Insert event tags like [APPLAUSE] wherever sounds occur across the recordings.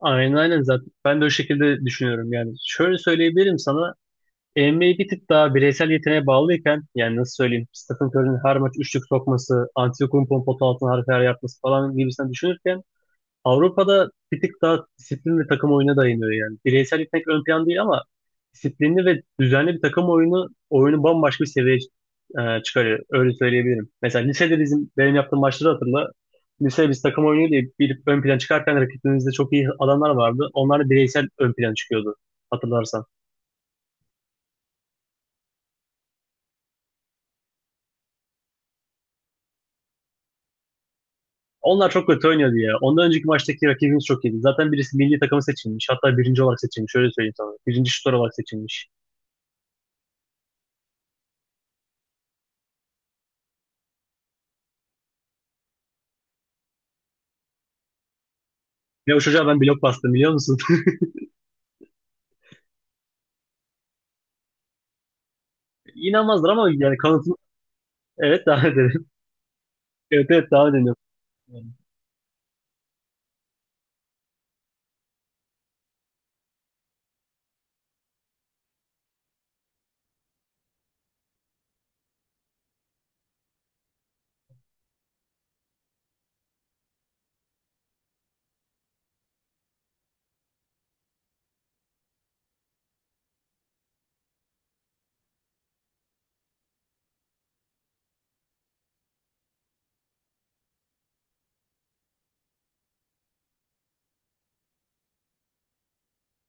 Aynen, aynen, zaten. Ben de o şekilde düşünüyorum yani. Şöyle söyleyebilirim sana. NBA bir tık daha bireysel yeteneğe bağlıyken yani nasıl söyleyeyim, Stephen Curry'nin her maç üçlük sokması, Antetokounmpo'nun pota altına harika yer yapması falan gibisinden düşünürken Avrupa'da bir tık daha disiplin ve takım oyuna dayanıyor yani. Bireysellik pek ön plan değil ama disiplinli ve düzenli bir takım oyunu bambaşka bir seviyeye çıkarıyor. Öyle söyleyebilirim. Mesela lisede bizim benim yaptığım maçları hatırla. Lisede biz takım oyunu diye bir ön plan çıkarken rakibimizde çok iyi adamlar vardı. Onlar da bireysel ön plan çıkıyordu hatırlarsan. Onlar çok kötü oynuyordu ya. Ondan önceki maçtaki rakibimiz çok iyiydi. Zaten birisi milli takımı seçilmiş. Hatta birinci olarak seçilmiş. Öyle söyleyeyim sana. Birinci şutör olarak seçilmiş. Ve o çocuğa ben blok bastım, biliyor musun? [LAUGHS] İnanmazlar ama yani kanıtım evet, devam edelim. [LAUGHS] Evet, evet, devam edelim.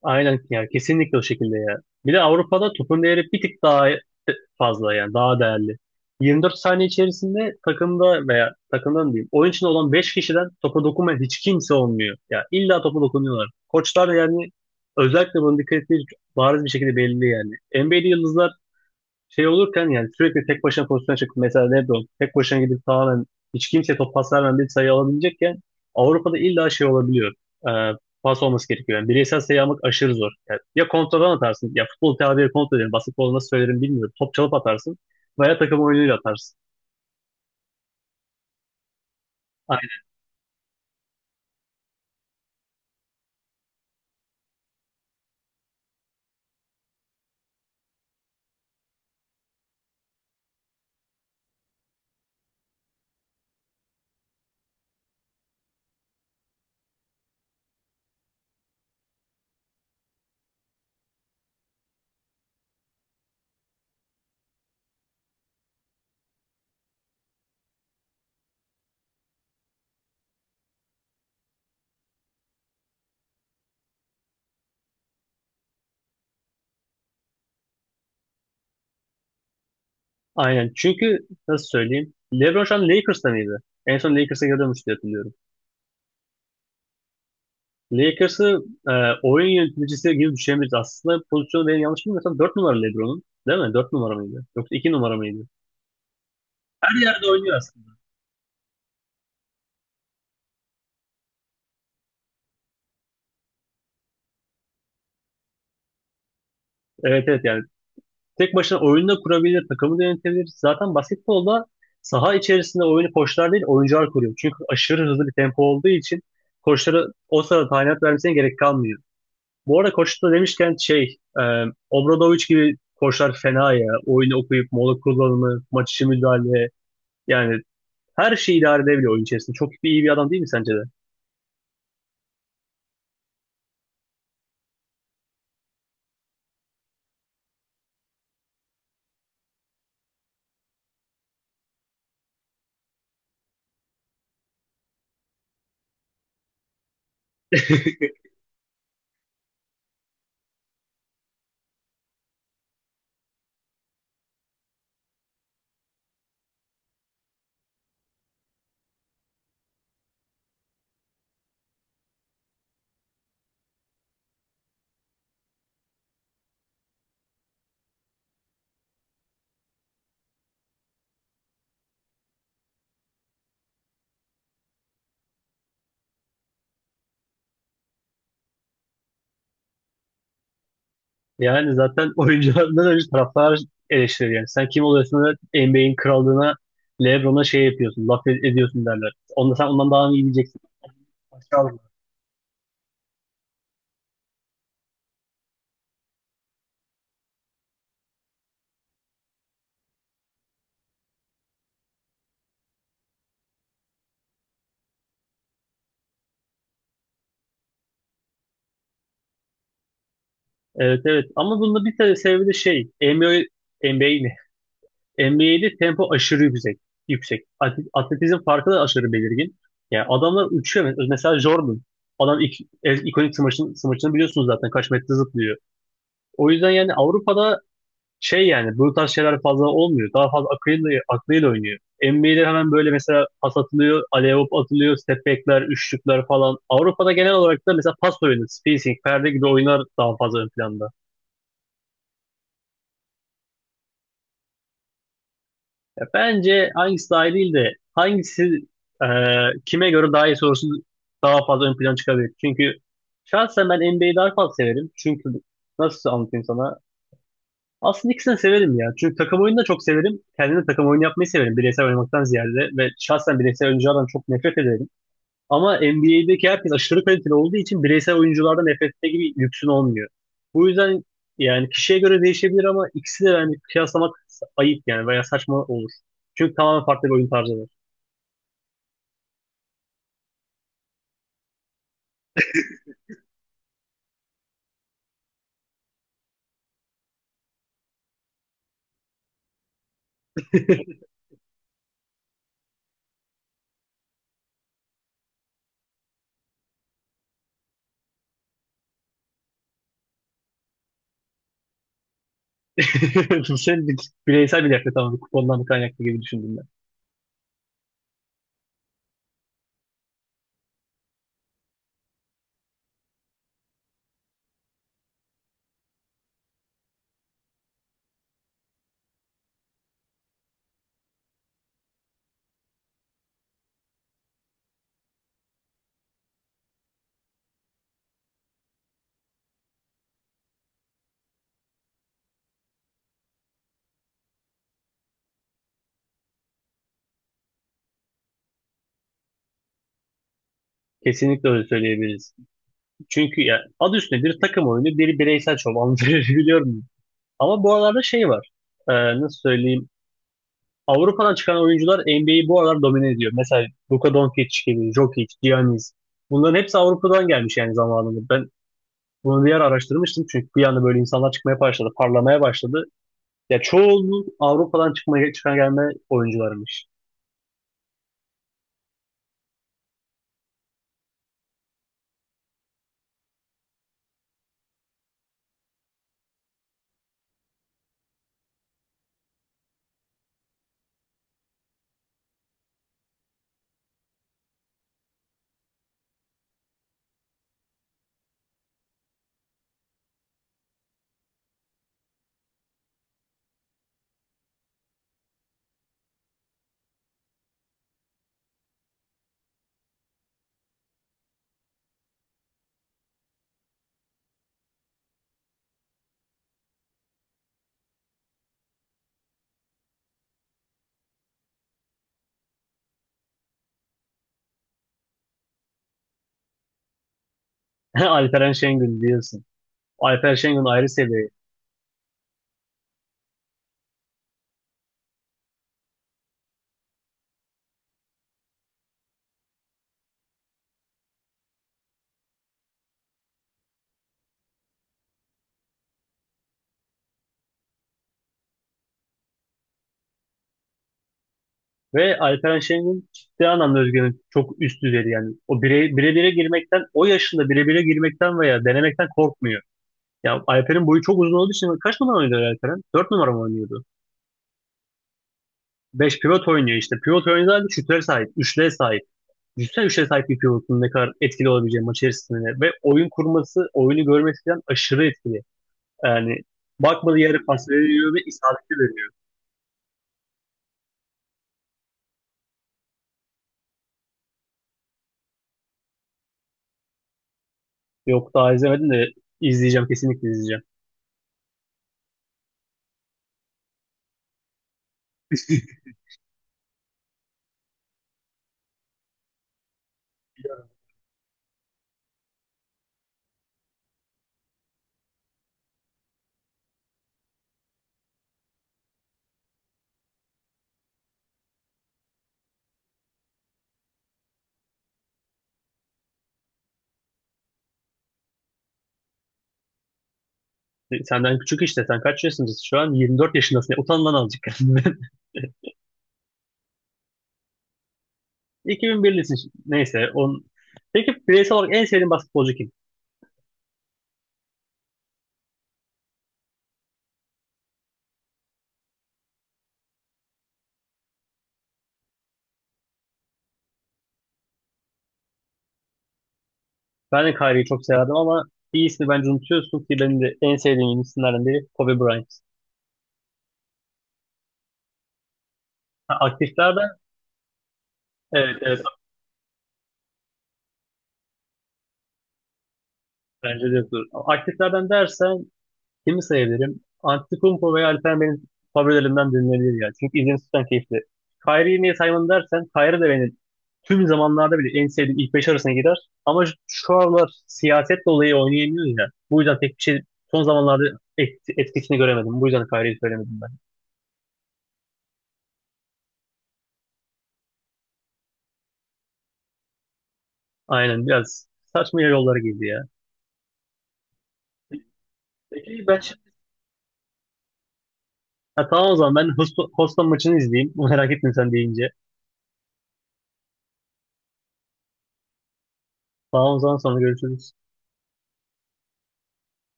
Aynen, yani kesinlikle o şekilde ya. Bir de Avrupa'da topun değeri bir tık daha fazla yani daha değerli. 24 saniye içerisinde takımda veya takımdan diyeyim, oyun içinde olan 5 kişiden topa dokunmayan hiç kimse olmuyor. Ya illa topa dokunuyorlar. Koçlar da yani özellikle bunu dikkat ettiği bariz bir şekilde belli yani. NBA'de yıldızlar şey olurken yani sürekli tek başına pozisyona çıkıp mesela LeBron tek başına gidip tamamen hiç kimseye top pas vermeden bir sayı alabilecekken Avrupa'da illa şey olabiliyor. Ee, Pas olması gerekiyor. Yani bireysel sayı almak aşırı zor. Yani ya kontradan atarsın. Ya, futbol tabiri kontra derim. Basketbol nasıl söylerim bilmiyorum. Top çalıp atarsın. Veya takım oyunuyla atarsın. Aynen. Aynen. Çünkü nasıl söyleyeyim? LeBron şu an Lakers'ta mıydı? En son Lakers'a gidiyormuş diye hatırlıyorum. Lakers'ı e, oyun yöneticisi gibi düşünebiliriz. Aslında pozisyonu, benim yanlış bilmiyorsam, 4 numara LeBron'un. Değil mi? 4 numara mıydı? Yoksa 2 numara mıydı? Her yerde oynuyor aslında. Evet, evet, yani. Tek başına oyunu da kurabilir, takımı da yönetebilir. Zaten basketbolda saha içerisinde oyunu koçlar değil, oyuncular kuruyor. Çünkü aşırı hızlı bir tempo olduğu için koçlara o sırada talimat vermesine gerek kalmıyor. Bu arada koç da demişken, şey, Obradoviç gibi koçlar fena ya. Oyunu okuyup mola kullanımı, maç içi müdahale, yani her şeyi idare edebiliyor oyun içerisinde. Çok bir iyi bir adam, değil mi sence de? [LAUGHS] Yani zaten oyunculardan önce taraftar eleştirir yani. Sen kim oluyorsun da NBA'in krallığına, LeBron'a şey yapıyorsun, laf ediyorsun derler. Onda sen ondan daha mı iyi bileceksin. Aşağı. Evet, evet, ama bunda bir tane sebebi de şey NBA, NBA ne? NBA'de tempo aşırı yüksek. Atletizm farkı da aşırı belirgin. Yani adamlar uçuyor. Mesela Jordan. Adam ikonik smaçını biliyorsunuz, zaten kaç metre zıplıyor. O yüzden yani Avrupa'da şey, yani bu tarz şeyler fazla olmuyor. Daha fazla akıyla, aklıyla oynuyor. NBA'de hemen böyle mesela pas atılıyor, alley atılıyor, step back'ler, üçlükler falan. Avrupa'da genel olarak da mesela pas oyunu, spacing, perde gibi oyunlar daha fazla ön planda. Ya bence hangisi daha iyi değil de hangisi e, kime göre daha iyi sorusu daha fazla ön plana çıkabilir. Çünkü şahsen ben NBA'yi daha fazla severim. Çünkü nasıl anlatayım sana? Aslında ikisini de severim ya. Çünkü takım oyunu da çok severim. Kendim de takım oyunu yapmayı severim bireysel oynamaktan ziyade. Ve şahsen bireysel oyunculardan çok nefret ederim. Ama NBA'deki herkes aşırı kaliteli olduğu için bireysel oyunculardan nefret etme gibi lüksün olmuyor. Bu yüzden yani kişiye göre değişebilir ama ikisi de yani kıyaslamak ayıp yani, veya saçma olur. Çünkü tamamen farklı bir oyun tarzı var. [LAUGHS] Senin bireysel bir nefret ama kupondan kaynaklı gibi düşündüm ben. Kesinlikle öyle söyleyebiliriz. Çünkü ya adı üstünde, bir takım oyunu, biri bireysel şov. Anlatabiliyor. [LAUGHS] Ama bu aralarda şey var. Ee, Nasıl söyleyeyim? Avrupa'dan çıkan oyuncular NBA'yi bu aralar domine ediyor. Mesela Luka Doncic gibi, Jokic, Giannis. Bunların hepsi Avrupa'dan gelmiş yani zamanında. Ben bunu bir yer araştırmıştım çünkü bir anda böyle insanlar çıkmaya başladı, parlamaya başladı. Ya çoğunluğu Avrupa'dan çıkmaya, çıkan gelme oyuncularmış. [LAUGHS] Alperen Şengün diyorsun. Alperen Şengün ayrı seviye. Ve Alperen Şengün ciddi anlamda Özge'nin çok üst düzeydi yani. O bire bire girmekten, o yaşında bire bire girmekten veya denemekten korkmuyor. Ya Alper'in boyu çok uzun olduğu için kaç numara oynuyordu Alperen? 4 numara mı oynuyordu? Beş, pivot oynuyor işte. Pivot oynadığı halde şutlara sahip, üçlüye sahip. Düşünsene, üçlüye sahip bir pivotun ne kadar etkili olabileceği maç içerisinde. Ve oyun kurması, oyunu görmesi falan aşırı etkili. Yani bakmadığı yere pas veriyor ve isabetli veriyor. Yok, daha izlemedim de izleyeceğim, kesinlikle izleyeceğim. [LAUGHS] Senden küçük işte. Sen kaç yaşındasın şu an? 24 yaşındasın. Ya, utan lan azıcık. [LAUGHS] 2001'lisin. Neyse. On... Peki bireysel olarak en sevdiğin basketbolcu kim? Ben de Kyrie'yi çok severdim ama bir ismi bence unutuyorsun ki benim de en sevdiğim isimlerden biri Kobe Bryant. Ha, aktiflerden evet, evet, bence de, dur. Aktiflerden dersen kimi sayabilirim? Antetokounmpo veya Alperen benim favorilerimden birileri ya. Çünkü izlemesi keyifli. Kyrie'yi niye saymadım dersen, Kyrie de benim tüm zamanlarda bile en sevdiğim ilk beş arasına gider. Ama şu aralar siyaset dolayı oynayamıyor ya. Bu yüzden pek bir şey son zamanlarda etkisini göremedim. Bu yüzden Kyrie'yi söylemedim ben. Aynen, biraz saçma yollara girdi ya. Peki ben şimdi... Ha, tamam, o zaman ben Houston maçını izleyeyim. [LAUGHS] Merak ettim sen deyince. Tamam, o zaman sonra görüşürüz.